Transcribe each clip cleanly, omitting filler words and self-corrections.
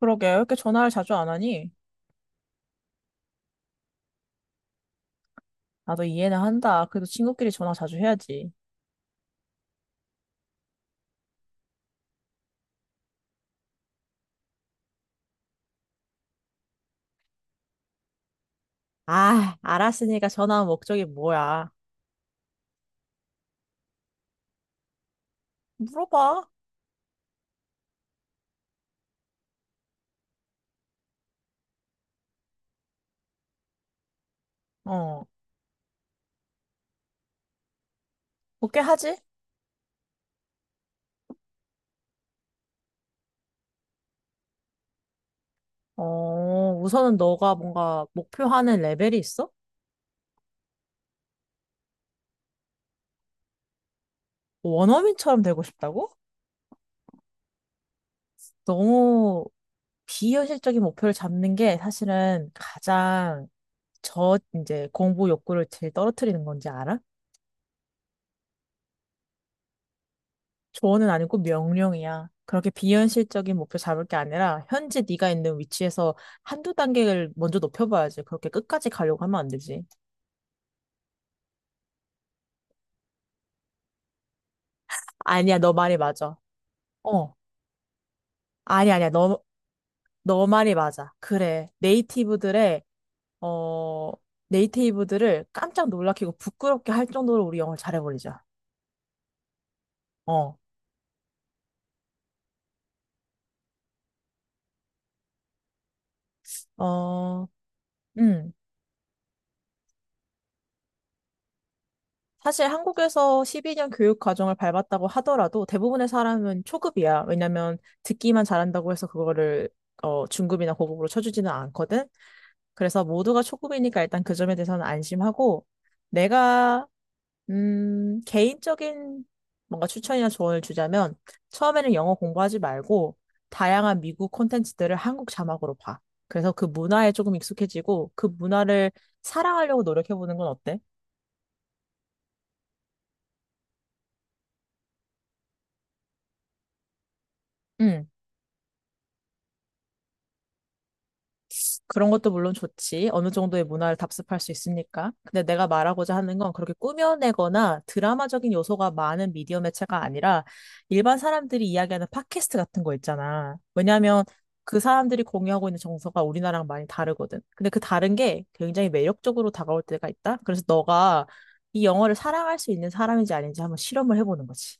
그러게, 왜 이렇게 전화를 자주 안 하니? 나도 이해는 한다. 그래도 친구끼리 전화 자주 해야지. 아, 알았으니까 전화한 목적이 뭐야? 물어봐. 어, 어떻게 하지? 어, 우선은 너가 뭔가 목표하는 레벨이 있어? 뭐 원어민처럼 되고 싶다고? 너무 비현실적인 목표를 잡는 게 사실은 가장 저 이제 공부 욕구를 제일 떨어뜨리는 건지 알아? 조언은 아니고 명령이야. 그렇게 비현실적인 목표 잡을 게 아니라 현재 네가 있는 위치에서 한두 단계를 먼저 높여봐야지. 그렇게 끝까지 가려고 하면 안 되지. 아니야, 너 말이 맞아. 어, 아니야, 아니야. 너 말이 맞아. 그래. 네이티브들의, 어, 네이티브들을 깜짝 놀라키고 부끄럽게 할 정도로 우리 영어를 잘해버리자. 어, 어, 음. 사실 한국에서 12년 교육 과정을 밟았다고 하더라도 대부분의 사람은 초급이야. 왜냐면 듣기만 잘한다고 해서 그거를 어, 중급이나 고급으로 쳐주지는 않거든. 그래서 모두가 초급이니까 일단 그 점에 대해서는 안심하고 내가 개인적인 뭔가 추천이나 조언을 주자면 처음에는 영어 공부하지 말고 다양한 미국 콘텐츠들을 한국 자막으로 봐. 그래서 그 문화에 조금 익숙해지고 그 문화를 사랑하려고 노력해보는 건 어때? 응. 그런 것도 물론 좋지. 어느 정도의 문화를 답습할 수 있으니까. 근데 내가 말하고자 하는 건 그렇게 꾸며내거나 드라마적인 요소가 많은 미디어 매체가 아니라 일반 사람들이 이야기하는 팟캐스트 같은 거 있잖아. 왜냐하면 그 사람들이 공유하고 있는 정서가 우리나라랑 많이 다르거든. 근데 그 다른 게 굉장히 매력적으로 다가올 때가 있다. 그래서 너가 이 영어를 사랑할 수 있는 사람인지 아닌지 한번 실험을 해보는 거지.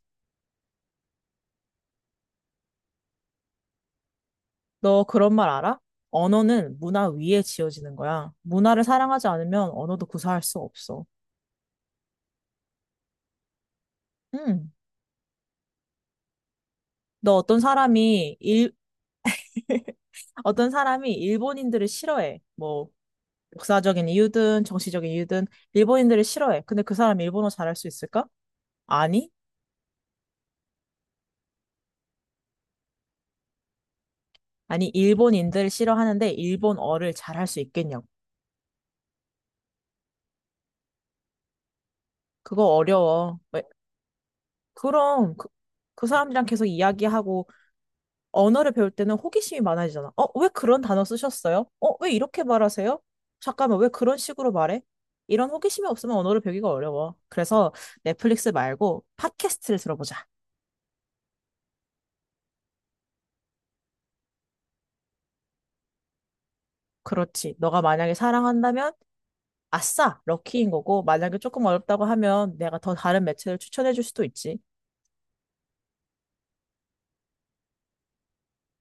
너 그런 말 알아? 언어는 문화 위에 지어지는 거야. 문화를 사랑하지 않으면 언어도 구사할 수 없어. 음. 너 어떤 사람이 일본인들을 싫어해. 뭐 역사적인 이유든 정치적인 이유든 일본인들을 싫어해. 근데 그 사람이 일본어 잘할 수 있을까? 아니. 아니 일본인들을 싫어하는데 일본어를 잘할 수 있겠냐고. 그거 어려워. 왜? 그럼 그 사람들이랑 계속 이야기하고 언어를 배울 때는 호기심이 많아지잖아. 어, 왜 그런 단어 쓰셨어요? 어, 왜 이렇게 말하세요? 잠깐만, 왜 그런 식으로 말해? 이런 호기심이 없으면 언어를 배우기가 어려워. 그래서 넷플릭스 말고 팟캐스트를 들어보자. 그렇지. 너가 만약에 사랑한다면 아싸, 럭키인 거고, 만약에 조금 어렵다고 하면 내가 더 다른 매체를 추천해 줄 수도 있지.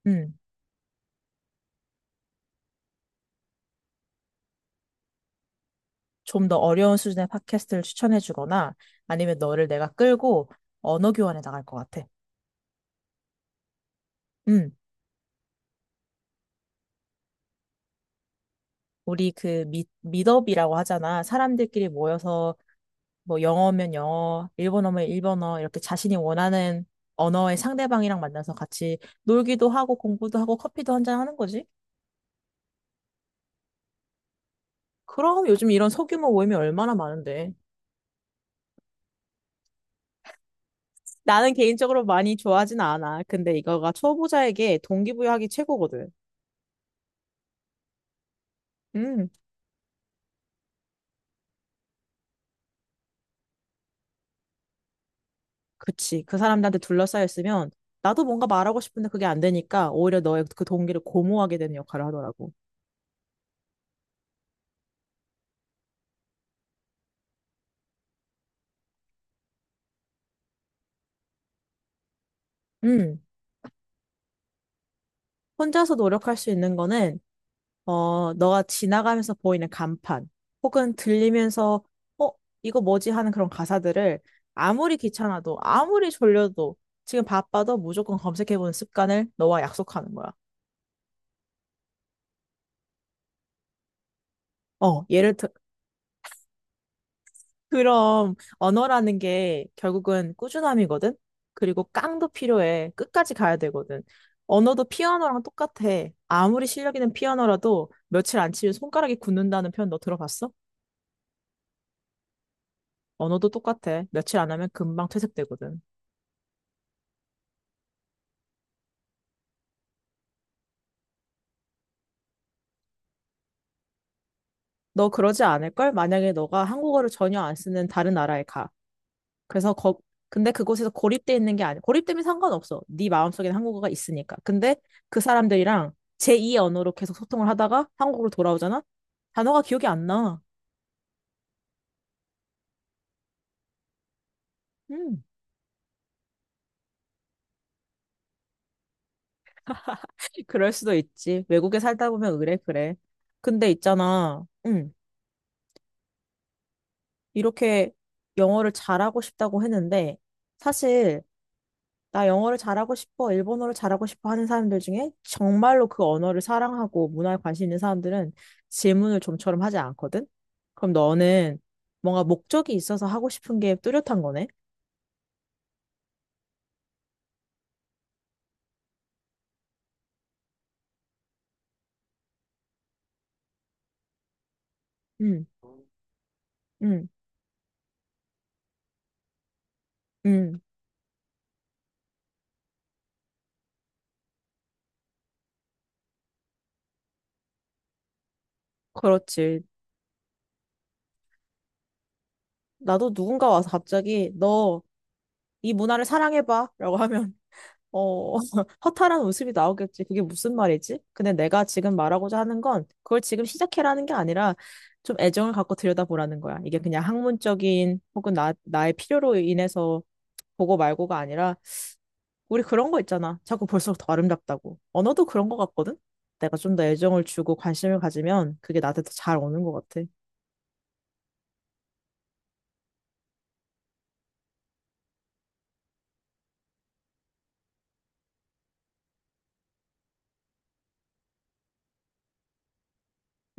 음, 좀 더 어려운 수준의 팟캐스트를 추천해 주거나 아니면 너를 내가 끌고 언어 교환에 나갈 것 같아. 음. 우리 그 미덥이라고 하잖아. 사람들끼리 모여서 뭐 영어면 영어, 일본어면 일본어 이렇게 자신이 원하는 언어의 상대방이랑 만나서 같이 놀기도 하고 공부도 하고 커피도 한잔 하는 거지. 그럼 요즘 이런 소규모 모임이 얼마나 많은데. 나는 개인적으로 많이 좋아하진 않아. 근데 이거가 초보자에게 동기부여하기 최고거든. 음, 그치. 그 사람들한테 둘러싸였으면 나도 뭔가 말하고 싶은데 그게 안 되니까 오히려 너의 그 동기를 고무하게 되는 역할을 하더라고. 음. 혼자서 노력할 수 있는 거는, 어, 너가 지나가면서 보이는 간판, 혹은 들리면서, 어, 이거 뭐지 하는 그런 가사들을 아무리 귀찮아도, 아무리 졸려도, 지금 바빠도 무조건 검색해보는 습관을 너와 약속하는 거야. 어, 예를 들, 그럼 언어라는 게 결국은 꾸준함이거든? 그리고 깡도 필요해. 끝까지 가야 되거든. 언어도 피아노랑 똑같아. 아무리 실력 있는 피아노라도 며칠 안 치면 손가락이 굳는다는 표현 너 들어봤어? 언어도 똑같아. 며칠 안 하면 금방 퇴색되거든. 너 그러지 않을걸? 만약에 너가 한국어를 전혀 안 쓰는 다른 나라에 가. 그래서 근데 그곳에서 고립돼 있는 게 아니야. 고립되면 상관없어. 네 마음속에는 한국어가 있으니까. 근데 그 사람들이랑 제2의 언어로 계속 소통을 하다가 한국으로 돌아오잖아? 단어가 기억이 안 나. 음, 그럴 수도 있지. 외국에 살다 보면 그래, 그래. 근데 있잖아. 이렇게 영어를 잘하고 싶다고 했는데 사실 나 영어를 잘하고 싶어, 일본어를 잘하고 싶어 하는 사람들 중에 정말로 그 언어를 사랑하고 문화에 관심 있는 사람들은 질문을 좀처럼 하지 않거든? 그럼 너는 뭔가 목적이 있어서 하고 싶은 게 뚜렷한 거네? 응, 응, 응. 그렇지. 나도 누군가 와서 갑자기 너 이 문화를 사랑해봐 라고 하면 어, 허탈한 웃음이 나오겠지. 그게 무슨 말이지? 근데 내가 지금 말하고자 하는 건 그걸 지금 시작해라는 게 아니라 좀 애정을 갖고 들여다보라는 거야. 이게 그냥 학문적인 혹은 나의 필요로 인해서 보고 말고가 아니라 우리 그런 거 있잖아. 자꾸 볼수록 더 아름답다고. 언어도 그런 거 같거든? 내가 좀 더 애정을 주고 관심을 가지면 그게 나한테 더 잘 오는 것 같아.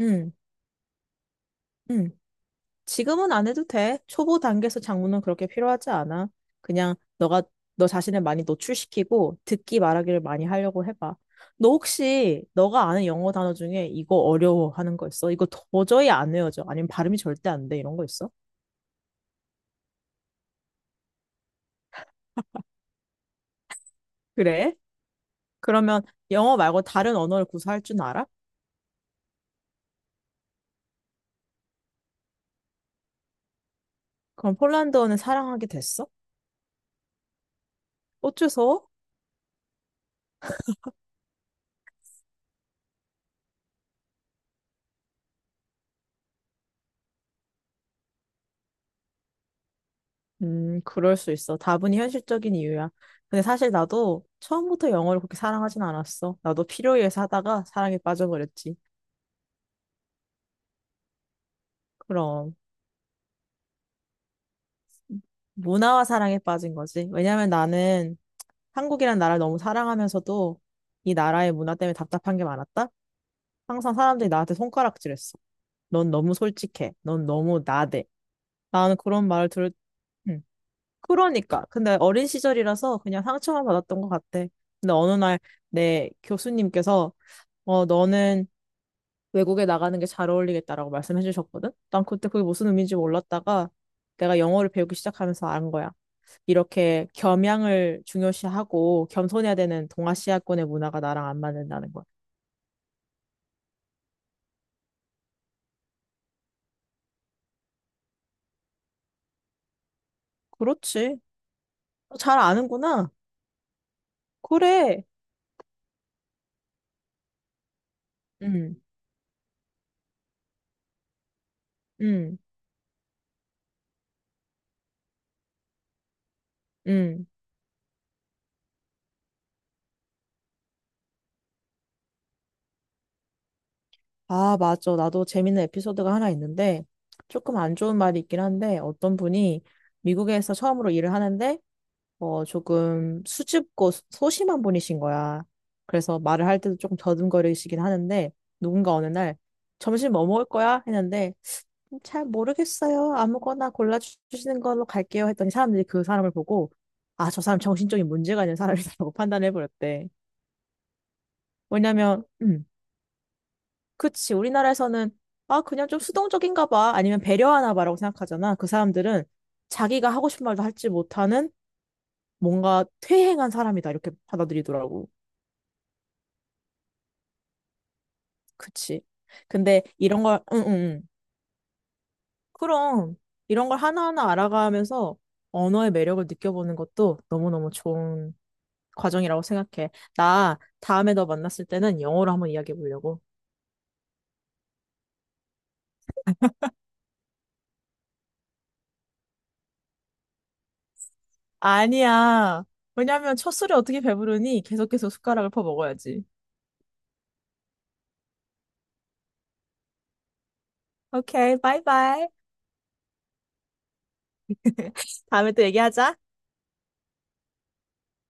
응, 응. 지금은 안 해도 돼. 초보 단계에서 장문은 그렇게 필요하지 않아. 그냥 너가 너 자신을 많이 노출시키고 듣기 말하기를 많이 하려고 해봐. 너 혹시 너가 아는 영어 단어 중에 이거 어려워 하는 거 있어? 이거 도저히 안 외워져. 아니면 발음이 절대 안 돼. 이런 거 있어? 그래? 그러면 영어 말고 다른 언어를 구사할 줄 알아? 그럼 폴란드어는 사랑하게 됐어? 어째서? 그럴 수 있어. 다분히 현실적인 이유야. 근데 사실 나도 처음부터 영어를 그렇게 사랑하진 않았어. 나도 필요에 의해서 하다가 사랑에 빠져버렸지. 그럼. 문화와 사랑에 빠진 거지. 왜냐면 나는 한국이란 나라를 너무 사랑하면서도 이 나라의 문화 때문에 답답한 게 많았다? 항상 사람들이 나한테 손가락질했어. 넌 너무 솔직해. 넌 너무 나대. 나는 그런 말을 들을, 음. 그러니까. 근데 어린 시절이라서 그냥 상처만 받았던 것 같아. 근데 어느 날 내 교수님께서 어, 너는 외국에 나가는 게 잘 어울리겠다라고 말씀해 주셨거든? 난 그때 그게 무슨 의미인지 몰랐다가 내가 영어를 배우기 시작하면서 안 거야. 이렇게 겸양을 중요시하고 겸손해야 되는 동아시아권의 문화가 나랑 안 맞는다는 거야. 그렇지. 어, 잘 아는구나. 그래. 응, 응, 응. 아, 맞아. 나도 재밌는 에피소드가 하나 있는데 조금 안 좋은 말이 있긴 한데 어떤 분이 미국에서 처음으로 일을 하는데 어, 조금 수줍고 소심한 분이신 거야. 그래서 말을 할 때도 조금 더듬거리시긴 하는데, 누군가 어느 날, 점심 뭐 먹을 거야? 했는데, 잘 모르겠어요. 아무거나 골라주시는 걸로 갈게요. 했더니 사람들이 그 사람을 보고, 아, 저 사람 정신적인 문제가 있는 사람이라고 판단해버렸대. 왜냐면, 그치. 우리나라에서는, 아, 그냥 좀 수동적인가 봐. 아니면 배려하나 봐라고 생각하잖아. 그 사람들은 자기가 하고 싶은 말도 할지 못하는 뭔가 퇴행한 사람이다. 이렇게 받아들이더라고. 그치. 근데 이런 걸, 응, 응, 응. 그럼 이런 걸 하나하나 알아가면서 언어의 매력을 느껴보는 것도 너무너무 좋은 과정이라고 생각해. 나 다음에 너 만났을 때는 영어로 한번 이야기해 보려고. 아니야. 왜냐면 첫 술에 어떻게 배부르니? 계속 계속 숟가락을 퍼 먹어야지. 오케이, 바이바이. 다음에 또 얘기하자.